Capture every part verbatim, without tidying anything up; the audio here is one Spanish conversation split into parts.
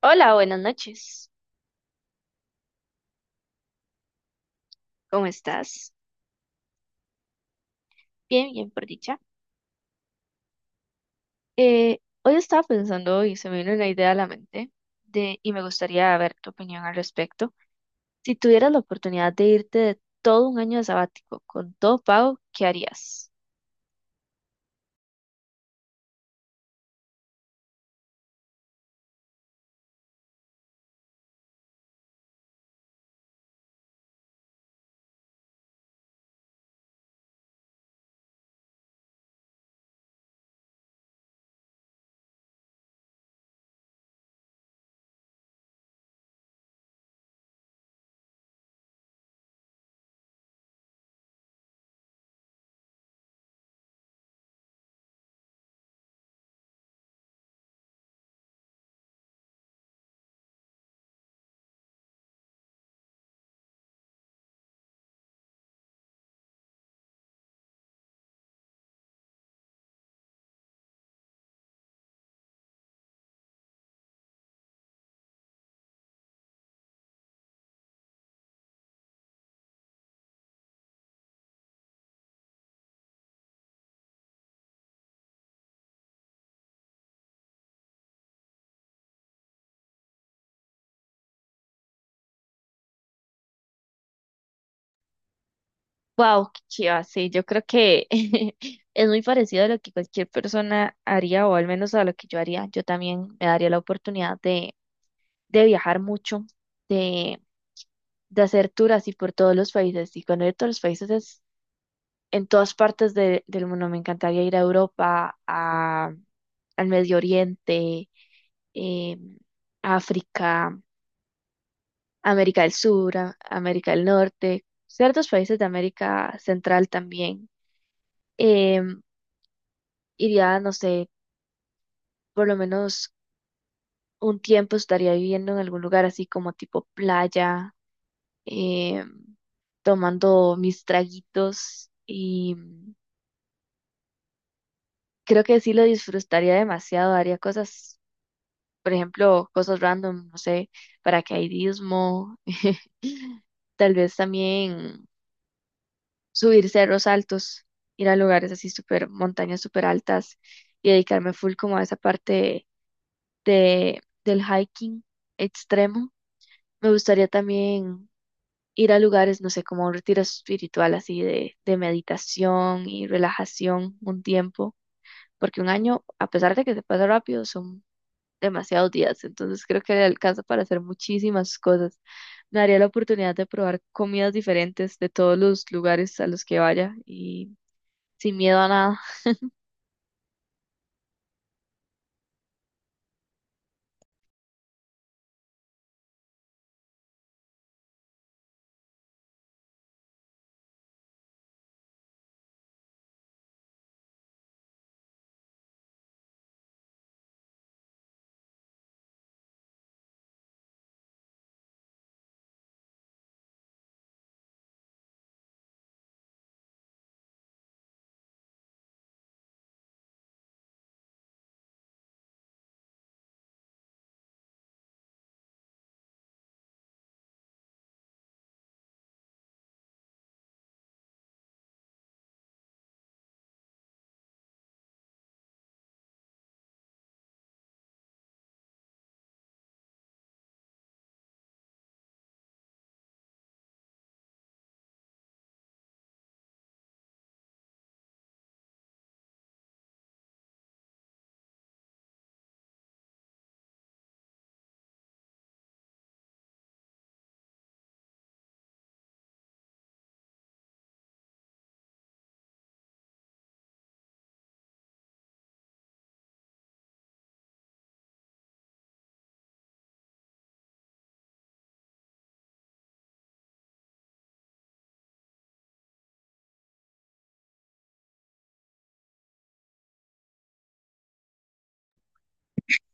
Hola, buenas noches. ¿Cómo estás? Bien, bien, por dicha. Eh, hoy estaba pensando y se me vino una idea a la mente de, y me gustaría ver tu opinión al respecto. Si tuvieras la oportunidad de irte de todo un año de sabático con todo pago, ¿qué harías? Wow, qué chiva, sí, yo creo que es muy parecido a lo que cualquier persona haría o al menos a lo que yo haría. Yo también me daría la oportunidad de, de viajar mucho, de, de hacer tours así por todos los países y cuando ir a todos los países en todas partes de- del mundo. Me encantaría ir a Europa, a, al Medio Oriente, eh, África, América del Sur, a- América del Norte, ciertos países de América Central también. Em, Iría, no sé, por lo menos un tiempo estaría viviendo en algún lugar así como tipo playa, em, tomando mis traguitos y creo que sí lo disfrutaría demasiado, haría cosas. Por ejemplo, cosas random, no sé, paracaidismo, tal vez también subir cerros altos, ir a lugares así súper, montañas súper altas y dedicarme full como a esa parte de, del hiking extremo. Me gustaría también ir a lugares, no sé, como un retiro espiritual así de, de meditación y relajación un tiempo, porque un año, a pesar de que se pasa rápido, son demasiados días, entonces creo que le alcanza para hacer muchísimas cosas. Me daría la oportunidad de probar comidas diferentes de todos los lugares a los que vaya y sin miedo a nada.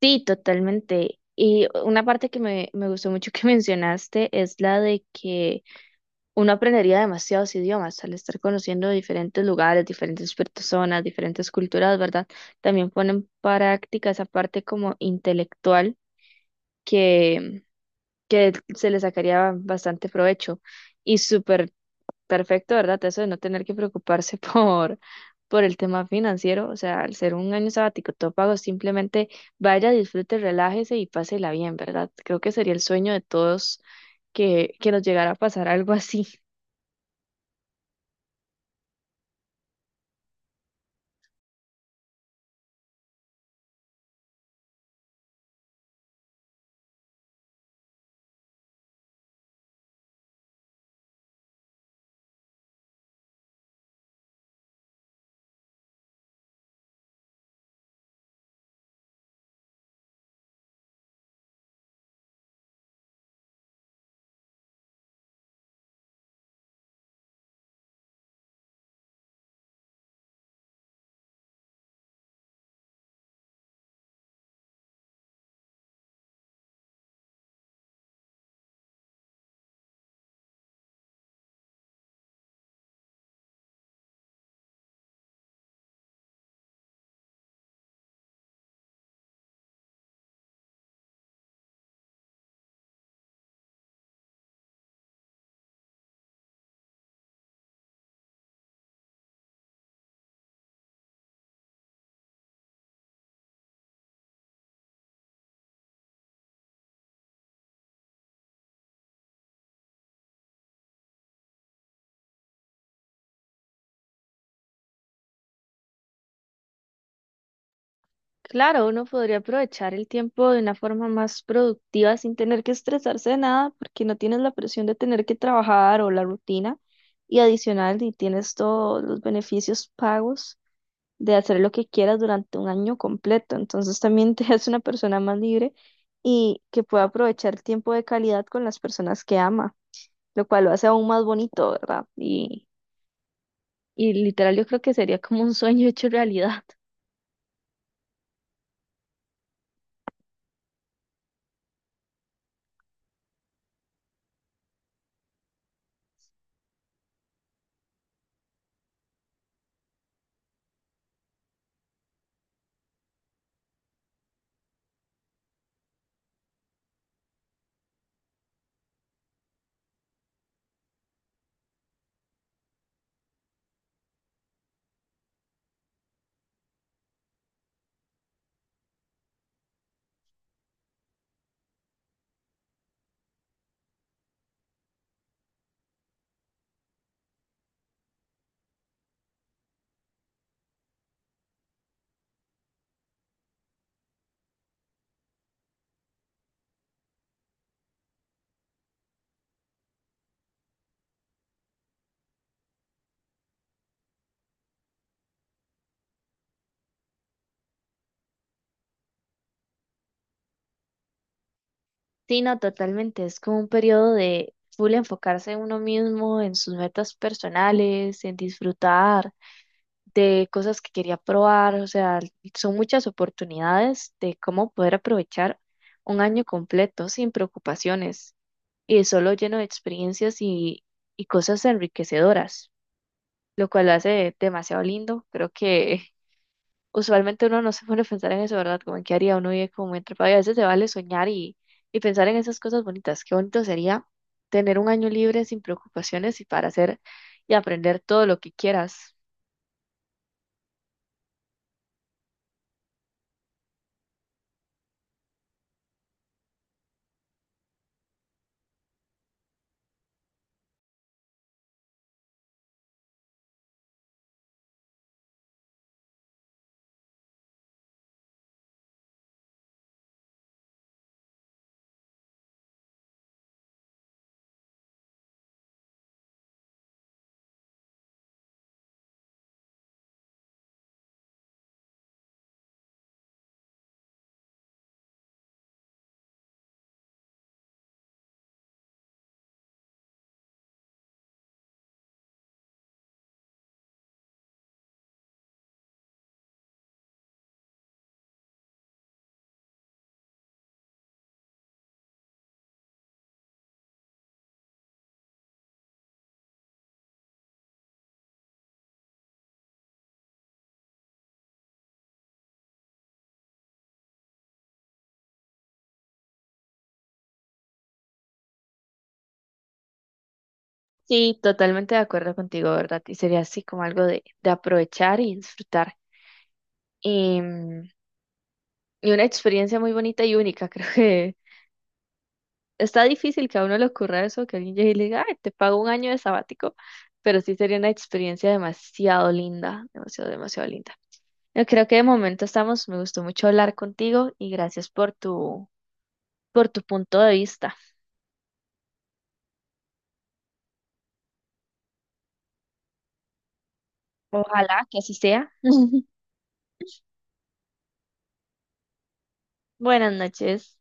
Sí, totalmente. Y una parte que me, me gustó mucho que mencionaste es la de que uno aprendería demasiados idiomas al estar conociendo diferentes lugares, diferentes personas, diferentes culturas, ¿verdad? También ponen en práctica esa parte como intelectual que que se le sacaría bastante provecho y súper perfecto, ¿verdad? Eso de no tener que preocuparse por, por el tema financiero, o sea, al ser un año sabático todo pago, simplemente vaya, disfrute, relájese y pásela bien, ¿verdad? Creo que sería el sueño de todos que, que nos llegara a pasar algo así. Claro, uno podría aprovechar el tiempo de una forma más productiva sin tener que estresarse de nada, porque no tienes la presión de tener que trabajar o la rutina. Y adicional, y tienes todos los beneficios pagos de hacer lo que quieras durante un año completo. Entonces también te hace una persona más libre y que pueda aprovechar el tiempo de calidad con las personas que ama, lo cual lo hace aún más bonito, ¿verdad? Y, y literal, yo creo que sería como un sueño hecho realidad. Sí, no, totalmente. Es como un periodo de full enfocarse en uno mismo, en sus metas personales, en disfrutar de cosas que quería probar. O sea, son muchas oportunidades de cómo poder aprovechar un año completo sin preocupaciones y solo lleno de experiencias y, y cosas enriquecedoras, lo cual lo hace demasiado lindo. Creo que usualmente uno no se pone a pensar en eso, ¿verdad? Como en qué haría uno vive como entre país. A veces se vale soñar y, y pensar en esas cosas bonitas. Qué bonito sería tener un año libre sin preocupaciones y para hacer y aprender todo lo que quieras. Sí, totalmente de acuerdo contigo, ¿verdad? Y sería así como algo de, de aprovechar y disfrutar. Y, mm, y una experiencia muy bonita y única, creo que está difícil que a uno le ocurra eso, que alguien llegue y le diga, ay, te pago un año de sabático, pero sí sería una experiencia demasiado linda, demasiado, demasiado linda. Yo creo que de momento estamos, me gustó mucho hablar contigo y gracias por tu, por tu punto de vista. Ojalá que así sea. Buenas noches.